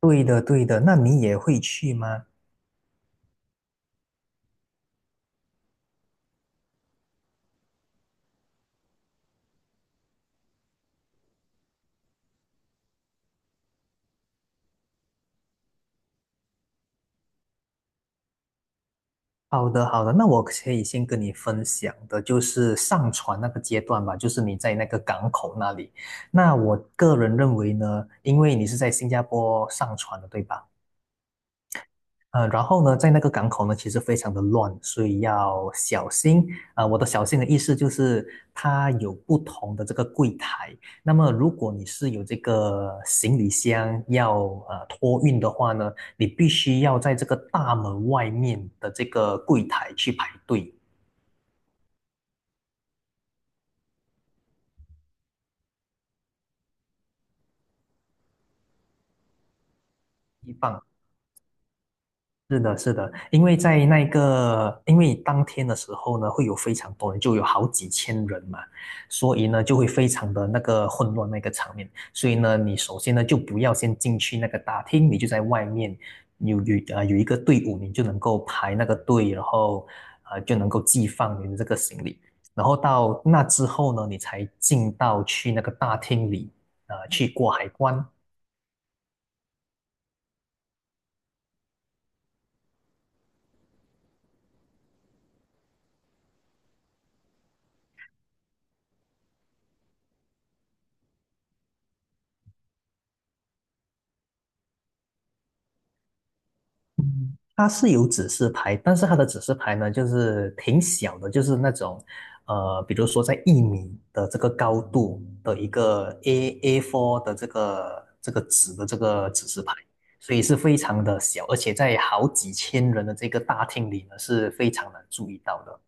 对的，对的，那你也会去吗？好的，好的，那我可以先跟你分享的就是上船那个阶段吧，就是你在那个港口那里。那我个人认为呢，因为你是在新加坡上船的，对吧？然后呢，在那个港口呢，其实非常的乱，所以要小心。我的小心的意思就是，它有不同的这个柜台。那么，如果你是有这个行李箱要托运的话呢，你必须要在这个大门外面的这个柜台去排队。一放是的，是的，因为在那个，因为当天的时候呢，会有非常多人，就有好几千人嘛，所以呢，就会非常的那个混乱那个场面。所以呢，你首先呢，就不要先进去那个大厅，你就在外面有一个队伍，你就能够排那个队，然后就能够寄放你的这个行李。然后到那之后呢，你才进到去那个大厅里，去过海关。嗯，它是有指示牌，但是它的指示牌呢，就是挺小的，就是那种，比如说在1米的这个高度的一个 A4 的这个这个纸的这个指示牌，所以是非常的小，而且在好几千人的这个大厅里呢，是非常难注意到的。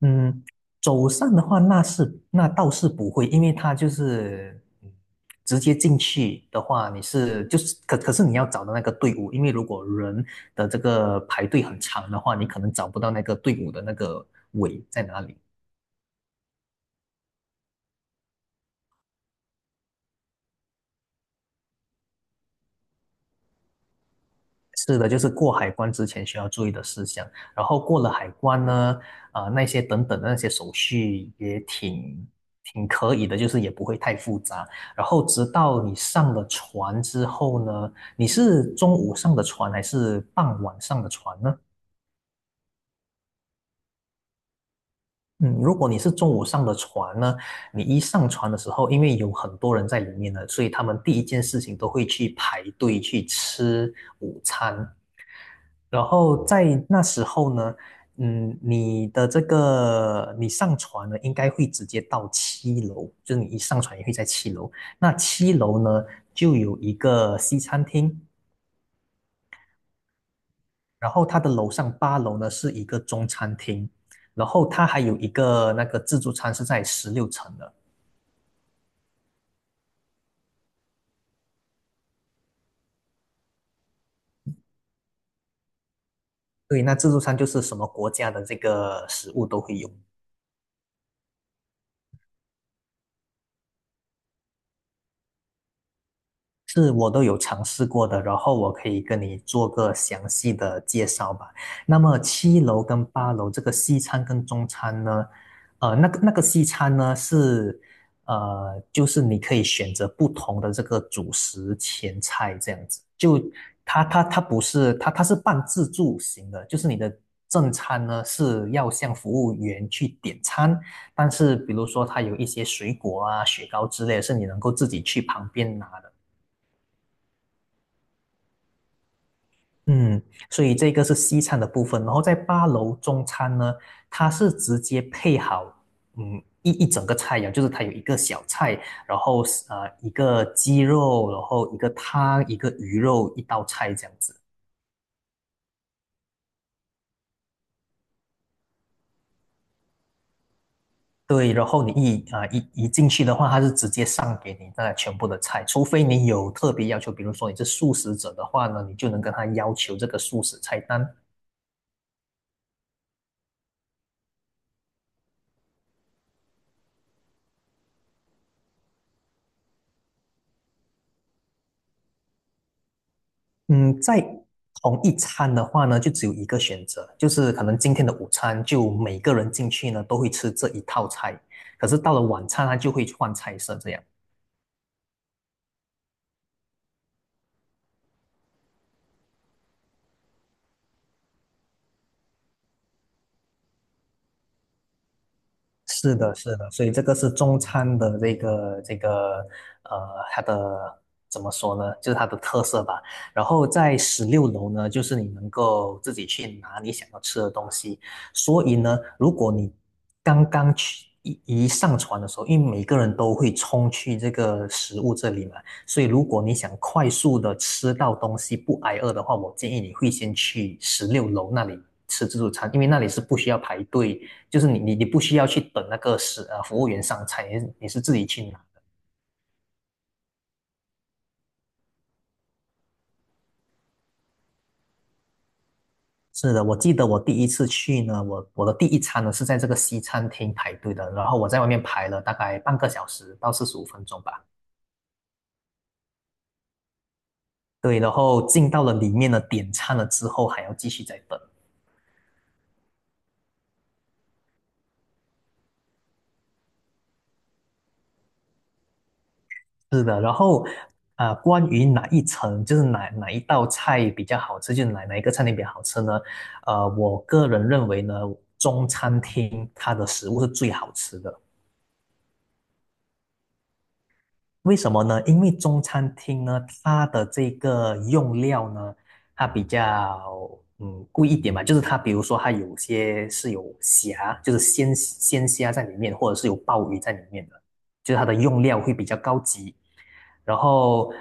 嗯，走上的话，那倒是不会，因为他就是直接进去的话，你是就是可是你要找到那个队伍，因为如果人的这个排队很长的话，你可能找不到那个队伍的那个尾在哪里。是的，就是过海关之前需要注意的事项，然后过了海关呢，那些等等的那些手续也挺可以的，就是也不会太复杂。然后直到你上了船之后呢，你是中午上的船还是傍晚上的船呢？嗯，如果你是中午上的船呢，你一上船的时候，因为有很多人在里面呢，所以他们第一件事情都会去排队去吃午餐。然后在那时候呢，你的这个你上船呢，应该会直接到七楼，就是你一上船也会在七楼。那七楼呢，就有一个西餐厅，然后它的楼上八楼呢是一个中餐厅，然后它还有一个那个自助餐是在16层的。对，那自助餐就是什么国家的这个食物都会有。是我都有尝试过的，然后我可以跟你做个详细的介绍吧。那么七楼跟八楼这个西餐跟中餐呢，那个西餐呢是，就是你可以选择不同的这个主食前菜这样子，就它不是它是半自助型的，就是你的正餐呢是要向服务员去点餐，但是比如说它有一些水果啊、雪糕之类的是你能够自己去旁边拿的。嗯，所以这个是西餐的部分，然后在八楼中餐呢，它是直接配好，一整个菜肴，就是它有一个小菜，然后一个鸡肉，然后一个汤，一个鱼肉，一道菜这样子。对，然后你一啊、呃一一进去的话，它是直接上给你那全部的菜，除非你有特别要求，比如说你是素食者的话呢，你就能跟他要求这个素食菜单；嗯，在同一餐的话呢，就只有一个选择，就是可能今天的午餐就每个人进去呢都会吃这一套菜，可是到了晚餐它就会换菜色这样。是的，是的，所以这个是中餐的这个这个呃，它的怎么说呢？就是它的特色吧。然后在十六楼呢，就是你能够自己去拿你想要吃的东西。所以呢，如果你刚刚去一上船的时候，因为每个人都会冲去这个食物这里嘛，所以如果你想快速的吃到东西不挨饿的话，我建议你会先去十六楼那里吃自助餐，因为那里是不需要排队。就是你不需要去等那个服务员上菜，你是自己去拿。是的，我记得我第一次去呢，我的第一餐呢是在这个西餐厅排队的，然后我在外面排了大概半个小时到45分钟吧。对，然后进到了里面呢，点餐了之后还要继续再等。是的，然后关于哪一层，就是哪一道菜比较好吃，就是哪一个餐厅比较好吃呢？我个人认为呢，中餐厅它的食物是最好吃的。为什么呢？因为中餐厅呢，它的这个用料呢，它比较贵一点嘛，就是它比如说它有些是有虾，就是鲜虾在里面，或者是有鲍鱼在里面的，就是它的用料会比较高级。然后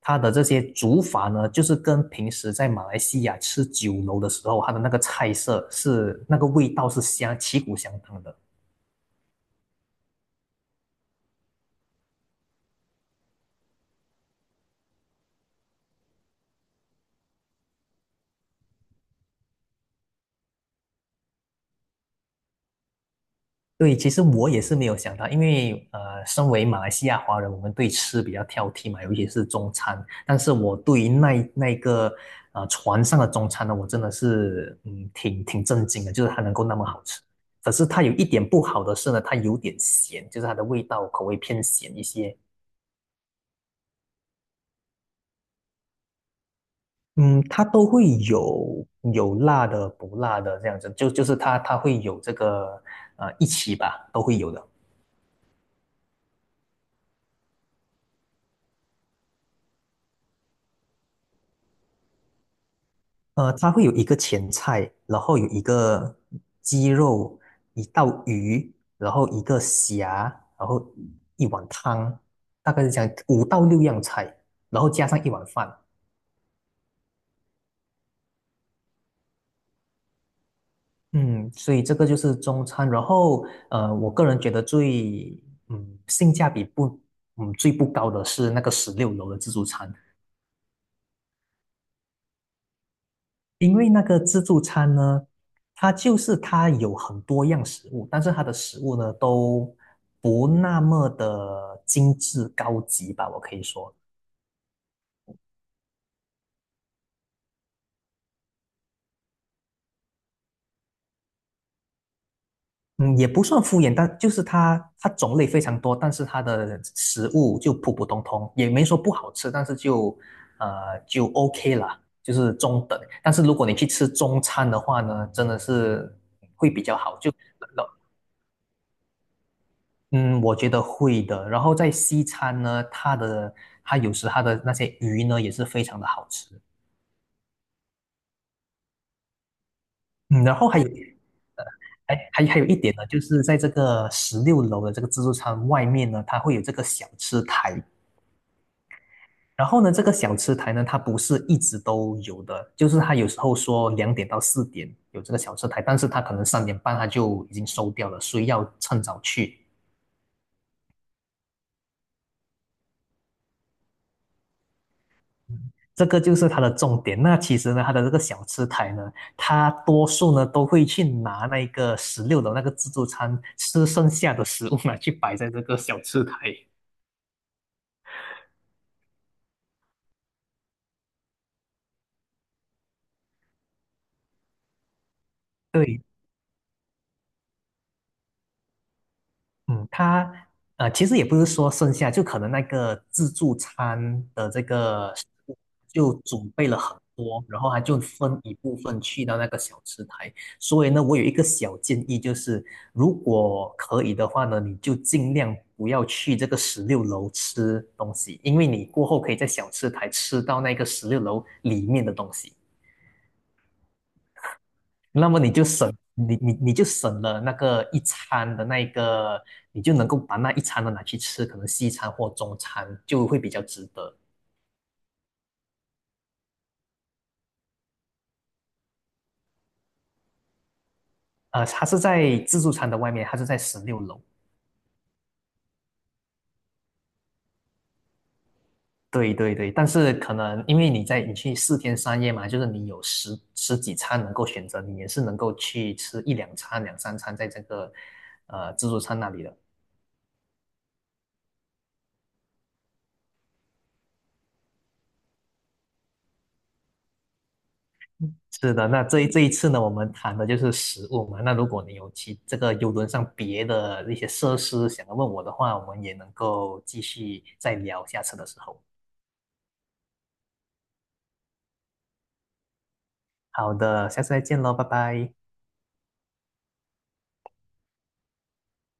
它的这些煮法呢，就是跟平时在马来西亚吃酒楼的时候，它的那个菜色是那个味道是相旗鼓相当的。对，其实我也是没有想到，因为身为马来西亚华人，我们对吃比较挑剔嘛，尤其是中餐。但是我对于那个船上的中餐呢，我真的是挺震惊的，就是它能够那么好吃。可是它有一点不好的是呢，它有点咸，就是它的味道口味偏咸一些。嗯，它都会有辣的、不辣的这样子，就是它会有这个一起吧，都会有的。它会有一个前菜，然后有一个鸡肉，一道鱼，然后一个虾，然后一碗汤，大概是这样，五到六样菜，然后加上一碗饭。嗯，所以这个就是中餐。然后，我个人觉得最，性价比不，最不高的是那个十六楼的自助餐。因为那个自助餐呢，它就是它有很多样食物，但是它的食物呢都不那么的精致高级吧，我可以说，嗯，也不算敷衍，但就是它种类非常多，但是它的食物就普普通通，也没说不好吃，但是就就 OK 了，就是中等。但是如果你去吃中餐的话呢，真的是会比较好，我觉得会的。然后在西餐呢，它有时它的那些鱼呢也是非常的好吃。嗯，然后还有一点呢，就是在这个十六楼的这个自助餐外面呢，它会有这个小吃台。然后呢，这个小吃台呢，它不是一直都有的，就是它有时候说2点到4点有这个小吃台，但是它可能3点半它就已经收掉了，所以要趁早去。这个就是它的重点。那其实呢，它的这个小吃台呢，它多数呢都会去拿那个十六楼那个自助餐吃剩下的食物嘛，去摆在这个小吃台。对，嗯，他其实也不是说剩下，就可能那个自助餐的这个食物就准备了很多，然后他就分一部分去到那个小吃台。所以呢，我有一个小建议，就是如果可以的话呢，你就尽量不要去这个十六楼吃东西，因为你过后可以在小吃台吃到那个十六楼里面的东西。那么你就省了那个一餐的那一个，你就能够把那一餐的拿去吃，可能西餐或中餐就会比较值得。它是在自助餐的外面，它是在十六楼。对对对，但是可能因为你去4天3夜嘛，就是你有十几餐能够选择，你也是能够去吃一两餐、两三餐在这个自助餐那里的。是的，那这一次呢，我们谈的就是食物嘛。那如果你有这个游轮上别的一些设施想要问我的话，我们也能够继续再聊下次的时候。好的，下次再见喽，拜拜。